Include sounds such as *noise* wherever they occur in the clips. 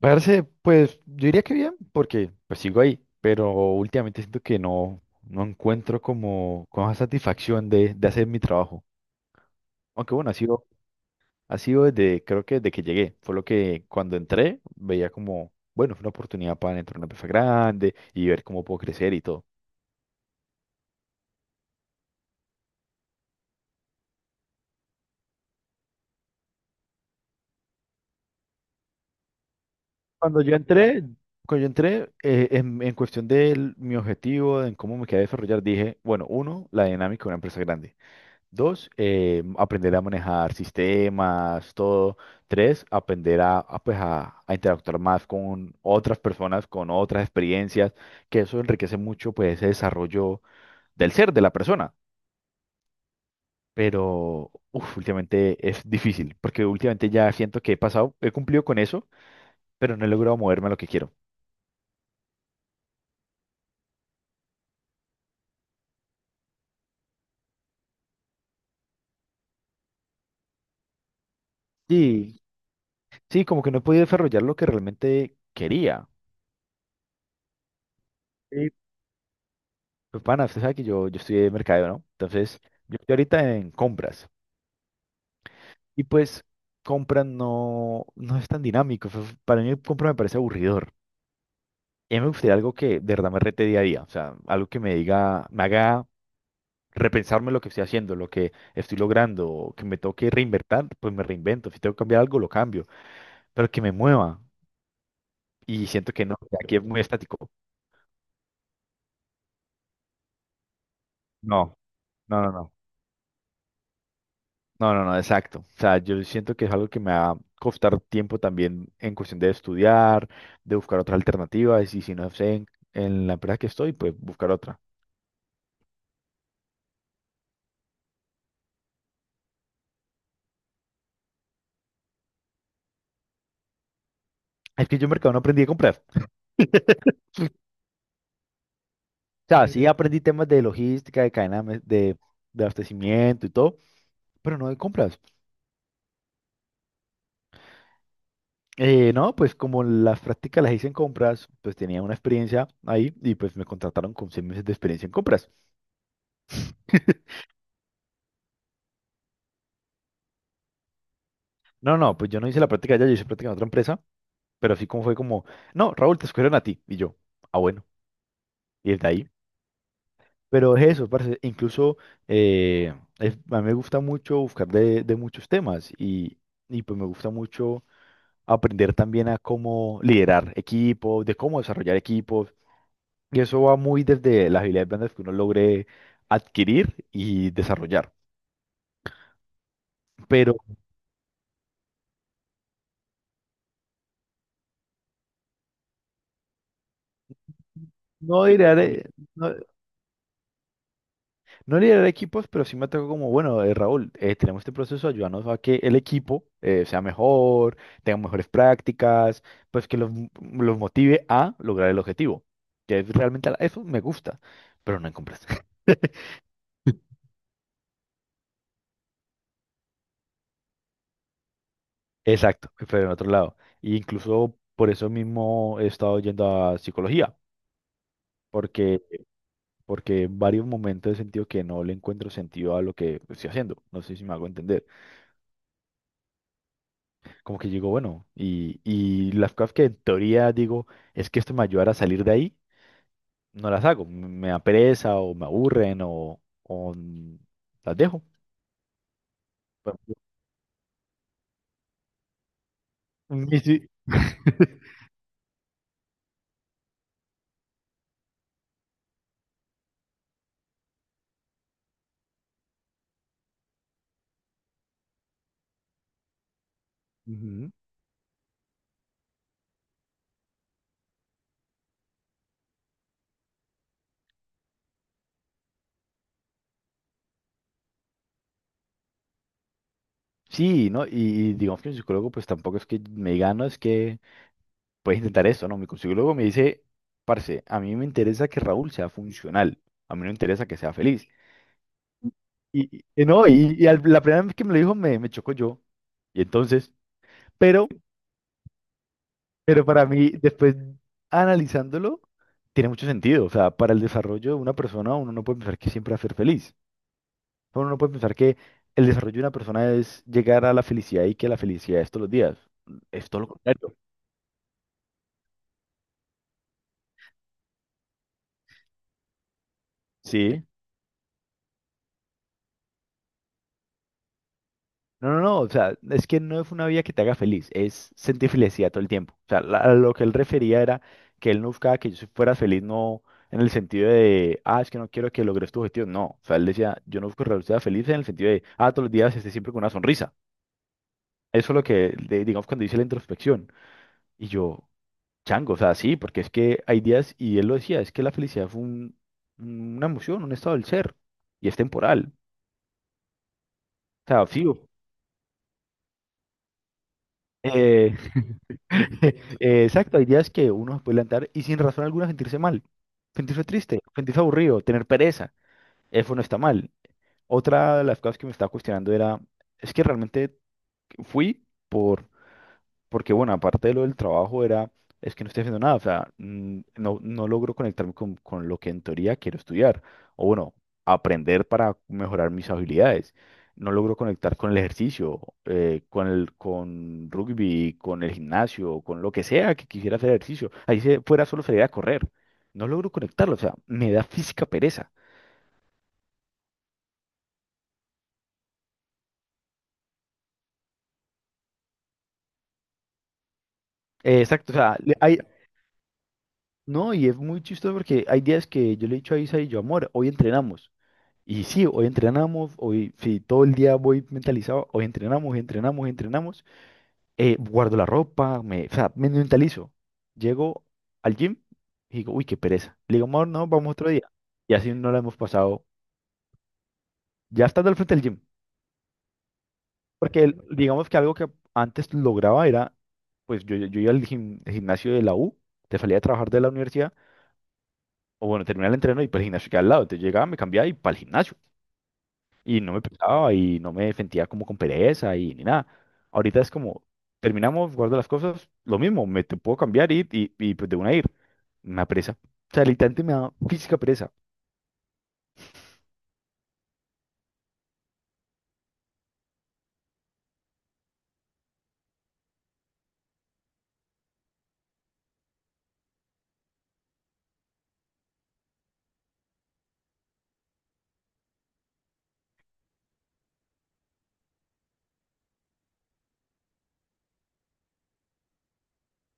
Parce, pues yo diría que bien, porque pues sigo ahí, pero últimamente siento que no encuentro como esa satisfacción de hacer mi trabajo. Aunque bueno, ha sido desde, creo que desde que llegué. Fue lo que cuando entré veía como, bueno, fue una oportunidad para entrar a una empresa grande y ver cómo puedo crecer y todo. Cuando yo entré, cuando yo entré, en cuestión de mi objetivo, en cómo me quería desarrollar, dije, bueno, uno, la dinámica de una empresa grande. Dos, aprender a manejar sistemas, todo. Tres, aprender pues a interactuar más con otras personas, con otras experiencias, que eso enriquece mucho pues, ese desarrollo del ser, de la persona. Pero uf, últimamente es difícil, porque últimamente ya siento que he pasado, he cumplido con eso, pero no he logrado moverme a lo que quiero. Sí, sí, como que no he podido desarrollar lo que realmente quería. Sí. Pues, pana, usted sabe que yo estudié mercadeo, ¿no? Entonces, yo estoy ahorita en compras. Y pues compra no es tan dinámico. Para mí compra me parece aburridor. Y a mí me gustaría algo que de verdad me rete día a día. O sea, algo que me diga, me haga repensarme lo que estoy haciendo, lo que estoy logrando, o que me toque reinventar, pues me reinvento. Si tengo que cambiar algo, lo cambio. Pero que me mueva. Y siento que no, que aquí es muy estático. No, no, no, no. No, no, no, exacto. O sea, yo siento que es algo que me va a costar tiempo también en cuestión de estudiar, de buscar otras alternativas, y si no sé en la empresa que estoy, pues buscar otra. Es que yo en mercado no aprendí a comprar. O sea, sí, ujú. Aprendí temas de logística, de cadena de abastecimiento y todo, pero no de compras. No, pues como las prácticas las hice en compras, pues tenía una experiencia ahí y pues me contrataron con 6 meses de experiencia en compras. *laughs* No, no, pues yo no hice la práctica allá, yo hice práctica en otra empresa. Pero así como fue como, no, Raúl, te escogieron a ti. Y yo, ah, bueno, y desde ahí. Pero es eso, parce, incluso a mí me gusta mucho buscar de muchos temas y pues me gusta mucho aprender también a cómo liderar equipos, de cómo desarrollar equipos. Y eso va muy desde las habilidades blandas que uno logre adquirir y desarrollar. Pero no diré, no liderar equipos, pero sí me atacó como, bueno, Raúl, tenemos este proceso, ayúdanos a que el equipo sea mejor, tenga mejores prácticas, pues que los motive a lograr el objetivo. Que es realmente eso me gusta, pero no en compras. *laughs* Exacto, pero en otro lado. Y incluso por eso mismo he estado yendo a psicología, porque, porque en varios momentos he sentido que no le encuentro sentido a lo que estoy haciendo. No sé si me hago entender. Como que digo, bueno, y las cosas que en teoría digo, es que esto me ayudará a salir de ahí, no las hago, me da pereza o me aburren o las dejo. Por ejemplo, mi psi- ujú. Sí, ¿no? Y digamos que mi psicólogo pues tampoco es que me diga, no, es que puedes intentar esto, ¿no? Mi psicólogo me dice, parce, a mí me interesa que Raúl sea funcional, a mí no me interesa que sea feliz. Y no, la primera vez que me lo dijo, me chocó yo. Y entonces, pero... Pero para mí, después analizándolo, tiene mucho sentido. O sea, para el desarrollo de una persona, uno no puede pensar que siempre va a ser feliz. Uno no puede pensar que el desarrollo de una persona es llegar a la felicidad y que la felicidad es todos los días. Es todo lo contrario. Sí. No, no, no. O sea, es que no es una vida que te haga feliz. Es sentir felicidad todo el tiempo. O sea, a lo que él refería era que él no buscaba que yo fuera feliz, no en el sentido de, ah, es que no quiero que logres tu objetivo. No. O sea, él decía, yo no busco que sea feliz en el sentido de, ah, todos los días esté siempre con una sonrisa. Eso es lo que, digamos, cuando dice la introspección. Y yo, chango, o sea, sí, porque es que hay días, y él lo decía, es que la felicidad fue una emoción, un estado del ser, y es temporal. O sea, sí, eh, *laughs* exacto, hay días que uno se puede levantar y sin razón alguna sentirse mal, sentirse triste, sentirse aburrido, tener pereza, eso no está mal. Otra de las cosas que me estaba cuestionando era, es que realmente fui por... Porque bueno, aparte de lo del trabajo era, es que no estoy haciendo nada, o sea, no logro conectarme con lo que en teoría quiero estudiar, o bueno, aprender para mejorar mis habilidades. No logro conectar con el ejercicio, con rugby, con el gimnasio, con lo que sea que quisiera hacer ejercicio. Ahí se fuera solo sería a correr. No logro conectarlo, o sea, me da física pereza. Exacto, o sea, hay, no, y es muy chistoso porque hay días que yo le he dicho a Isa y yo, amor, hoy entrenamos. Y sí, hoy entrenamos, hoy sí, todo el día voy mentalizado, hoy entrenamos, entrenamos, entrenamos, guardo la ropa, me, o sea, me mentalizo. Llego al gym y digo, uy, qué pereza. Le digo, amor, no, vamos otro día. Y así no la hemos pasado, ya estando al frente del gym. Porque digamos que algo que antes lograba era, pues yo iba al gimnasio de la U, te salía a trabajar de la universidad, o bueno, terminaba el entreno y para el gimnasio que al lado. Entonces llegaba, me cambiaba y para el gimnasio. Y no me pesaba y no me sentía como con pereza y ni nada. Ahorita es como, terminamos, guardo las cosas, lo mismo, me te puedo cambiar y pues de una ir. Me da pereza. O sea, literalmente me da física pereza.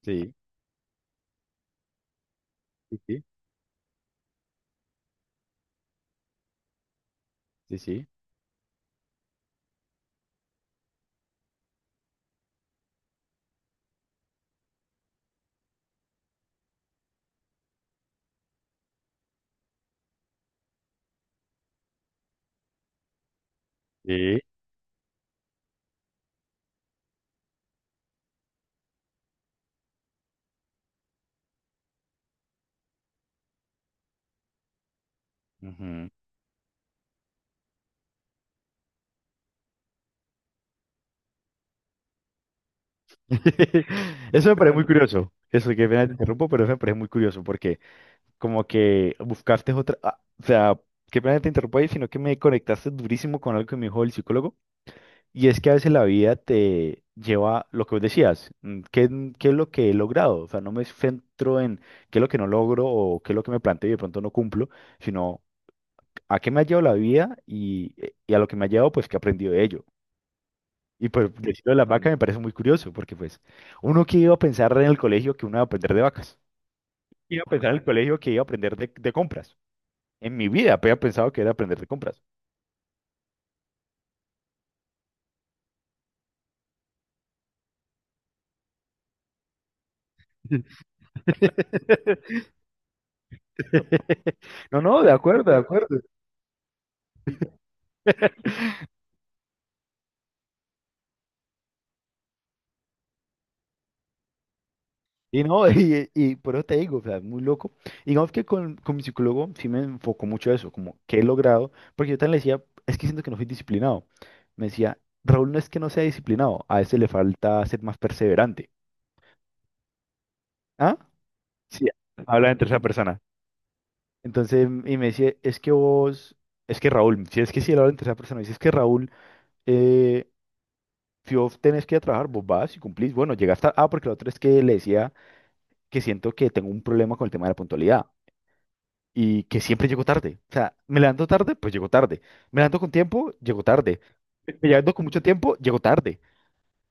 Sí, sí, sí, sí, sí. Sí, ujú. *laughs* Eso me parece muy *laughs* curioso. Eso, que pena te interrumpo, pero eso me parece muy curioso porque como que buscaste otra, ah, o sea, qué pena te interrumpo ahí, sino que me conectaste durísimo con algo que me dijo el psicólogo. Y es que a veces la vida te lleva lo que vos decías, ¿qué, es lo que he logrado? O sea, no me centro en qué es lo que no logro o qué es lo que me planteo y de pronto no cumplo, sino a qué me ha llevado la vida y y a lo que me ha llevado, pues, que he aprendido de ello. Y pues decirlo de las vacas me parece muy curioso, porque pues uno que iba a pensar en el colegio que uno iba a aprender de vacas, iba a pensar en el colegio que iba a aprender de compras. En mi vida había pensado que era aprender de compras. *laughs* *laughs* No, no, de acuerdo, de acuerdo. Y no, *laughs* y por eso te digo, o sea, muy loco. Y digamos que con mi psicólogo sí me enfocó mucho eso, como que he logrado, porque yo también le decía, es que siento que no soy disciplinado. Me decía, Raúl no es que no sea disciplinado, a ese le falta ser más perseverante. ¿Ah? Sí, habla en tercera persona. Entonces, y me decía, es que vos, es que Raúl, si es que si él habla en tercera persona, me dice, es que Raúl, eh, si vos tenés que ir a trabajar, vos vas y cumplís. Bueno, llegaste, ah, porque lo otro es que le decía que siento que tengo un problema con el tema de la puntualidad. Y que siempre llego tarde. O sea, me levanto tarde, pues llego tarde. Me levanto con tiempo, llego tarde. Me levanto con mucho tiempo, llego tarde.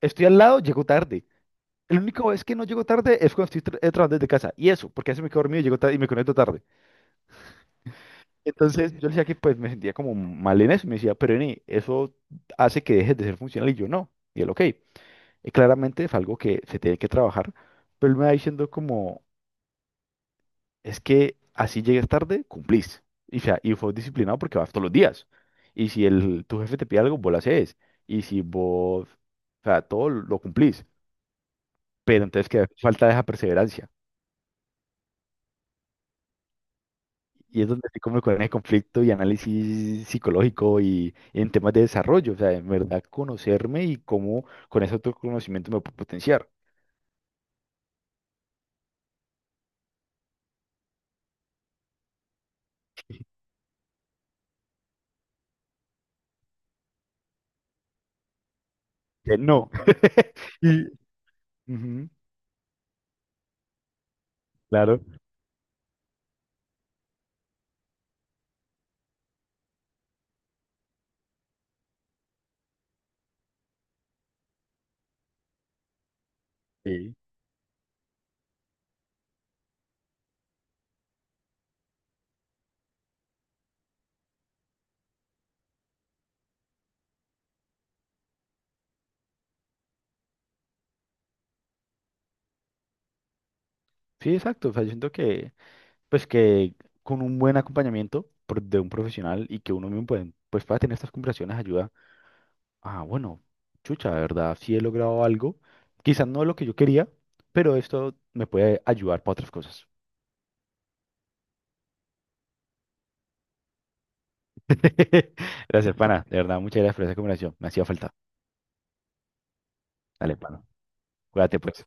Estoy al lado, llego tarde. El único vez que no llego tarde es cuando estoy trabajando desde casa. Y eso, porque a veces me quedo dormido y llego tarde y me conecto tarde. Entonces yo le decía que pues me sentía como mal en eso. Y me decía, pero Eni, eso hace que dejes de ser funcional. Y yo, no. Y él, ok. Y claramente es algo que se tiene que trabajar. Pero él me va diciendo como, es que así llegues tarde, cumplís. Y, o sea, y fue disciplinado porque vas todos los días. Y si el, tu jefe te pide algo, vos lo haces. Y si vos, o sea, todo lo cumplís. Pero entonces que falta esa perseverancia. Y es donde se come con el conflicto y análisis psicológico y, en temas de desarrollo. O sea, en verdad conocerme y cómo con ese autoconocimiento me puedo potenciar. Que no. *laughs* Y, ujú, claro. Sí. Sí, exacto. O sea, yo siento que pues que con un buen acompañamiento de un profesional y que uno mismo pues pueda tener estas conversaciones ayuda. Ah, bueno, chucha, de verdad sí he logrado algo, quizás no lo que yo quería, pero esto me puede ayudar para otras cosas. *laughs* Gracias, pana, de verdad, muchas gracias por esa conversación, me hacía falta. Dale, pana. Cuídate, pues.